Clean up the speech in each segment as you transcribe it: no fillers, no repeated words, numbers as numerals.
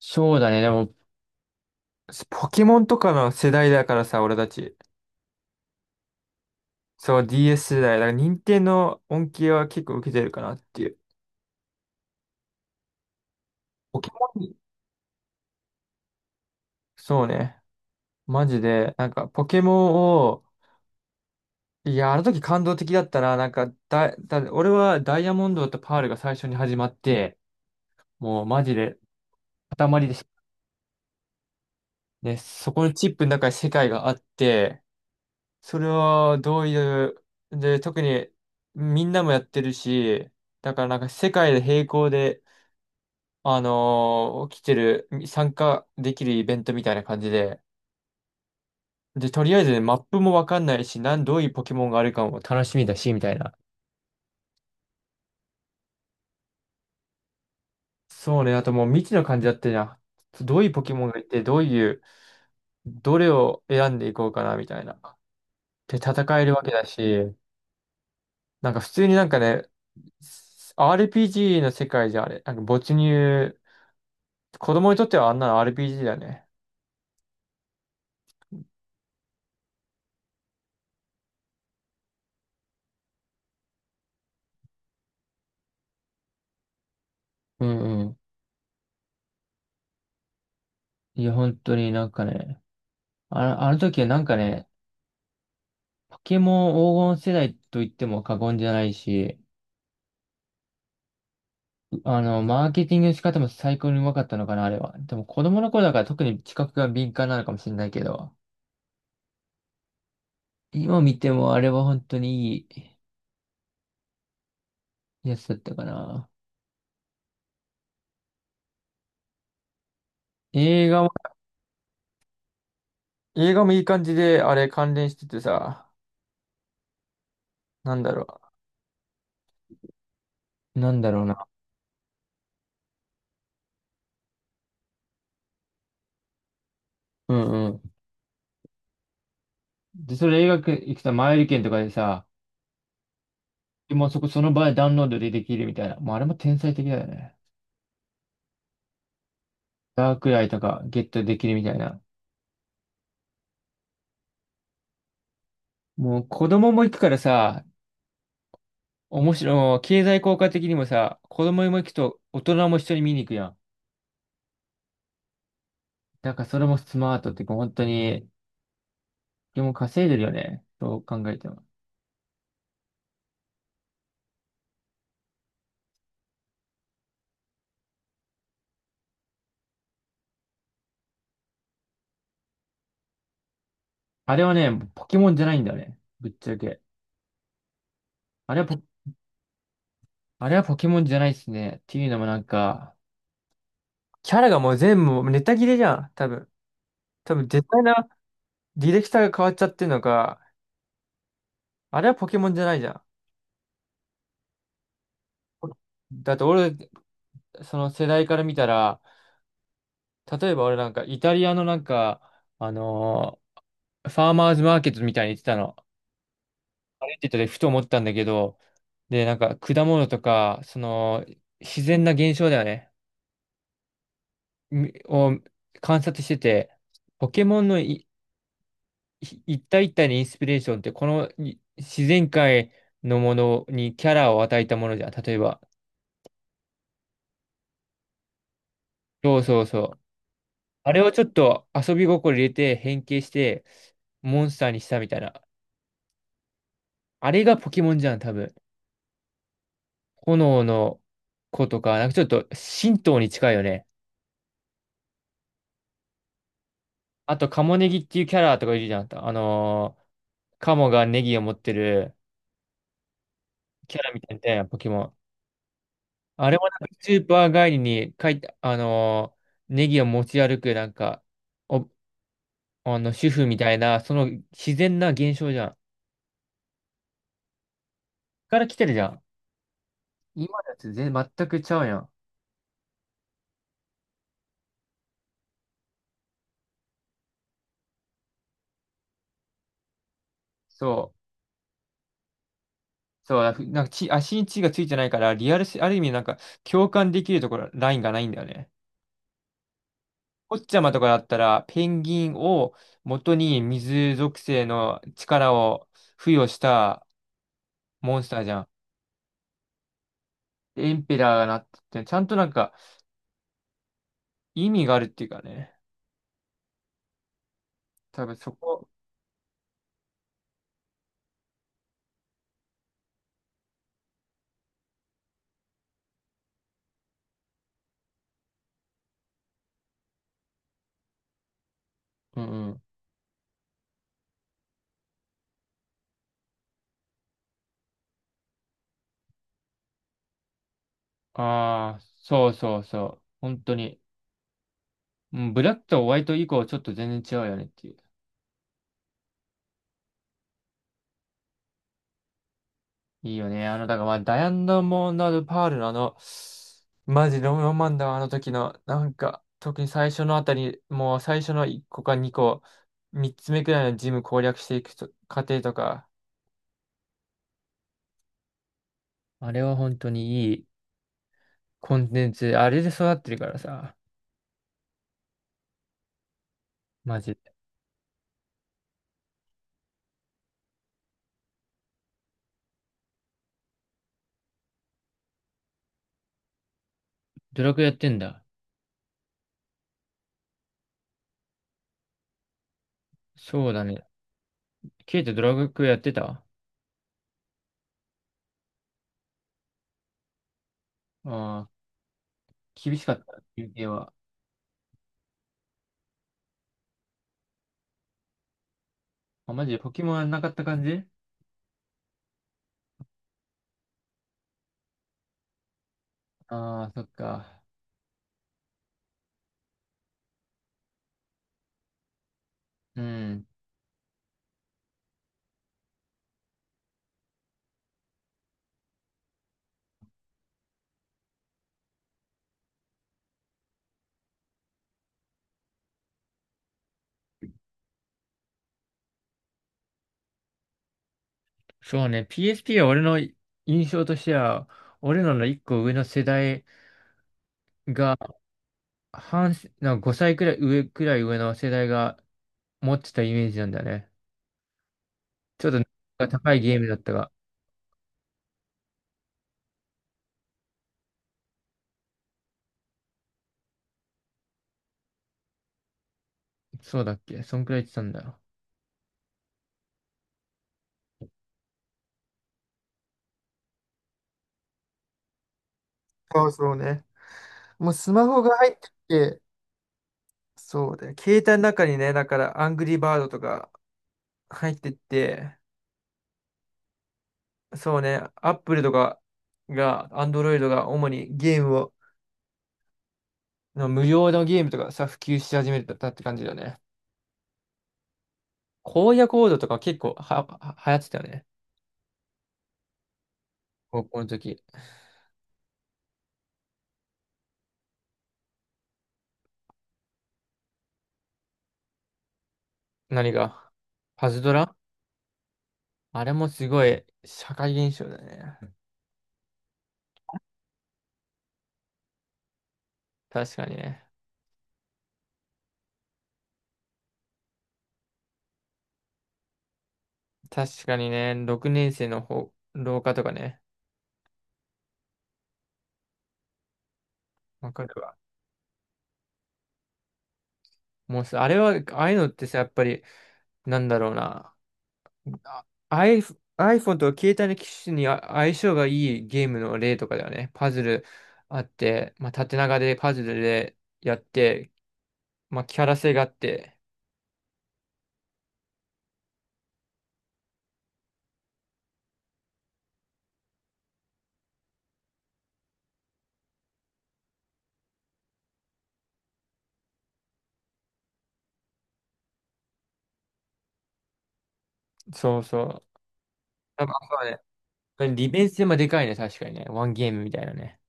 そうだね。でも、ポケモンとかの世代だからさ、俺たち。そう、DS 世代。だから、任天堂の恩恵は結構受けてるかなっていう。ポケモン、そうね。マジで、ポケモンを、いや、あの時感動的だったな。なんかだ、だ、俺はダイヤモンドとパールが最初に始まって、もうマジで、塊でし、ね、そこのチップの中に世界があって、それはどういう、で、特にみんなもやってるし、だからなんか世界で並行で起きてる、参加できるイベントみたいな感じで、で、とりあえずね、マップもわかんないし、どういうポケモンがあるかも楽しみだし、みたいな。そうね、あともう未知の感じだったじゃん。どういうポケモンがいて、どういう、どれを選んでいこうかな、みたいな。で、戦えるわけだし、普通にRPG の世界じゃあれ、没入、子供にとってはあんなの RPG だね。うんうん。いや、本当にあの時はポケモン黄金世代と言っても過言じゃないし、マーケティングの仕方も最高にうまかったのかな、あれは。でも子供の頃だから特に知覚が敏感なのかもしれないけど、今見てもあれは本当にいいやつだったかな。映画も、映画もいい感じで、あれ関連しててさ、なんだろう。なんだろうな。うんうん。で、それ映画行くと前売り券とかでさ、もうそこその場でダウンロードでできるみたいな。もうあれも天才的だよね。ダークライとかゲットできるみたいな。もう子供も行くからさ、面白い、経済効果的にもさ、子供も行くと大人も一緒に見に行くやん。だからそれもスマートっていうか、本当に、でも稼いでるよね。そう考えても。あれはね、ポケモンじゃないんだよね。ぶっちゃけ。あれはポ、あれはポケモンじゃないっすね。っていうのもキャラがもう全部ネタ切れじゃん。多分。多分絶対な、ディレクターが変わっちゃってるのか、あれはポケモンじゃないじゃん。だって俺、その世代から見たら、例えば俺なんかイタリアのあのファーマーズマーケットみたいに言ってたの。歩いててふと思ったんだけど、で、なんか果物とか、その自然な現象だよね。みを観察してて、ポケモンのいい一体一体のインスピレーションってこのい自然界のものにキャラを与えたものじゃん。例えば。そうそうそう。あれをちょっと遊び心入れて変形してモンスターにしたみたいな。あれがポケモンじゃん、多分。炎の子とか、なんかちょっと神道に近いよね。あと、カモネギっていうキャラとかいるじゃん。カモがネギを持ってるキャラみたいなポケモン。あれもなんかスーパー帰りに書いて、ネギを持ち歩く、なんか、お、主婦みたいな、その自然な現象じゃん。から来てるじゃん。今のやつ全然全くちゃうやん。そう。そう、血、足に血がついてないから、リアルし、ある意味なんか共感できるところ、ラインがないんだよね。ポッチャマとかだったら、ペンギンを元に水属性の力を付与したモンスターじゃん。エンペラーがなってて、ちゃんとなんか意味があるっていうかね。多分そこ。うんうん。ああ、そうそうそう。本当に。うん、ブラックとホワイト以降ちょっと全然違うよねっていう。いいよね。だからまあ、ダイアナモンド・パールのあの、マジロマンだわ、あの時の、なんか、特に最初のあたり、もう最初の1個か2個、3つ目くらいのジム攻略していくと過程とか、あれは本当にいいコンテンツ、あれで育ってるからさ、マジで。ドラクエやってんだ。そうだね。ケイトドラクエやってたあ、あー、厳しかった、休憩は。あ、マジでポケモンはなかった感じ、ああー、そっか。うん。そうね、PSP は俺の印象としては、俺らの一個上の世代、半世、なんか5歳くらい上くらい上の世代が持ってたイメージなんだよね。ちょっと高いゲームだったが、そうだっけ、そんくらい言ってたんだよ。そうそうね。もうスマホが入ってきて、そうだよ。携帯の中にね、だからアングリーバードとか入ってって、そうね、アップルとかが、アンドロイドが主にゲームを、の無料のゲームとかさ、普及し始めたって感じだよね。荒野行動とか結構流行ってたよね。高校の時。何がパズドラ、あれもすごい社会現象だね。確かにね。確かにね、6年生の方、廊下とかね。わかるわ。もうさ、あれは、ああいうのってさ、やっぱり、なんだろうな。あ、 iPhone と携帯の機種にあ相性がいいゲームの例とかだよね。パズルあって、まあ、縦長でパズルでやって、まあ、キャラ性があって、そうそう。やっぱそね、これ利便性もでかいね、確かにね。ワンゲームみたいなね。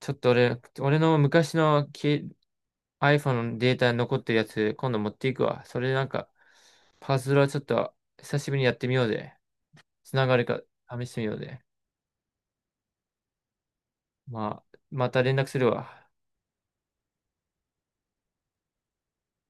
ちょっと俺、俺の昔のけ iPhone のデータに残ってるやつ、今度持っていくわ。それでなんか、パズルはちょっと久しぶりにやってみようぜ。つながるか試してみようぜ。まあ、また連絡するわ。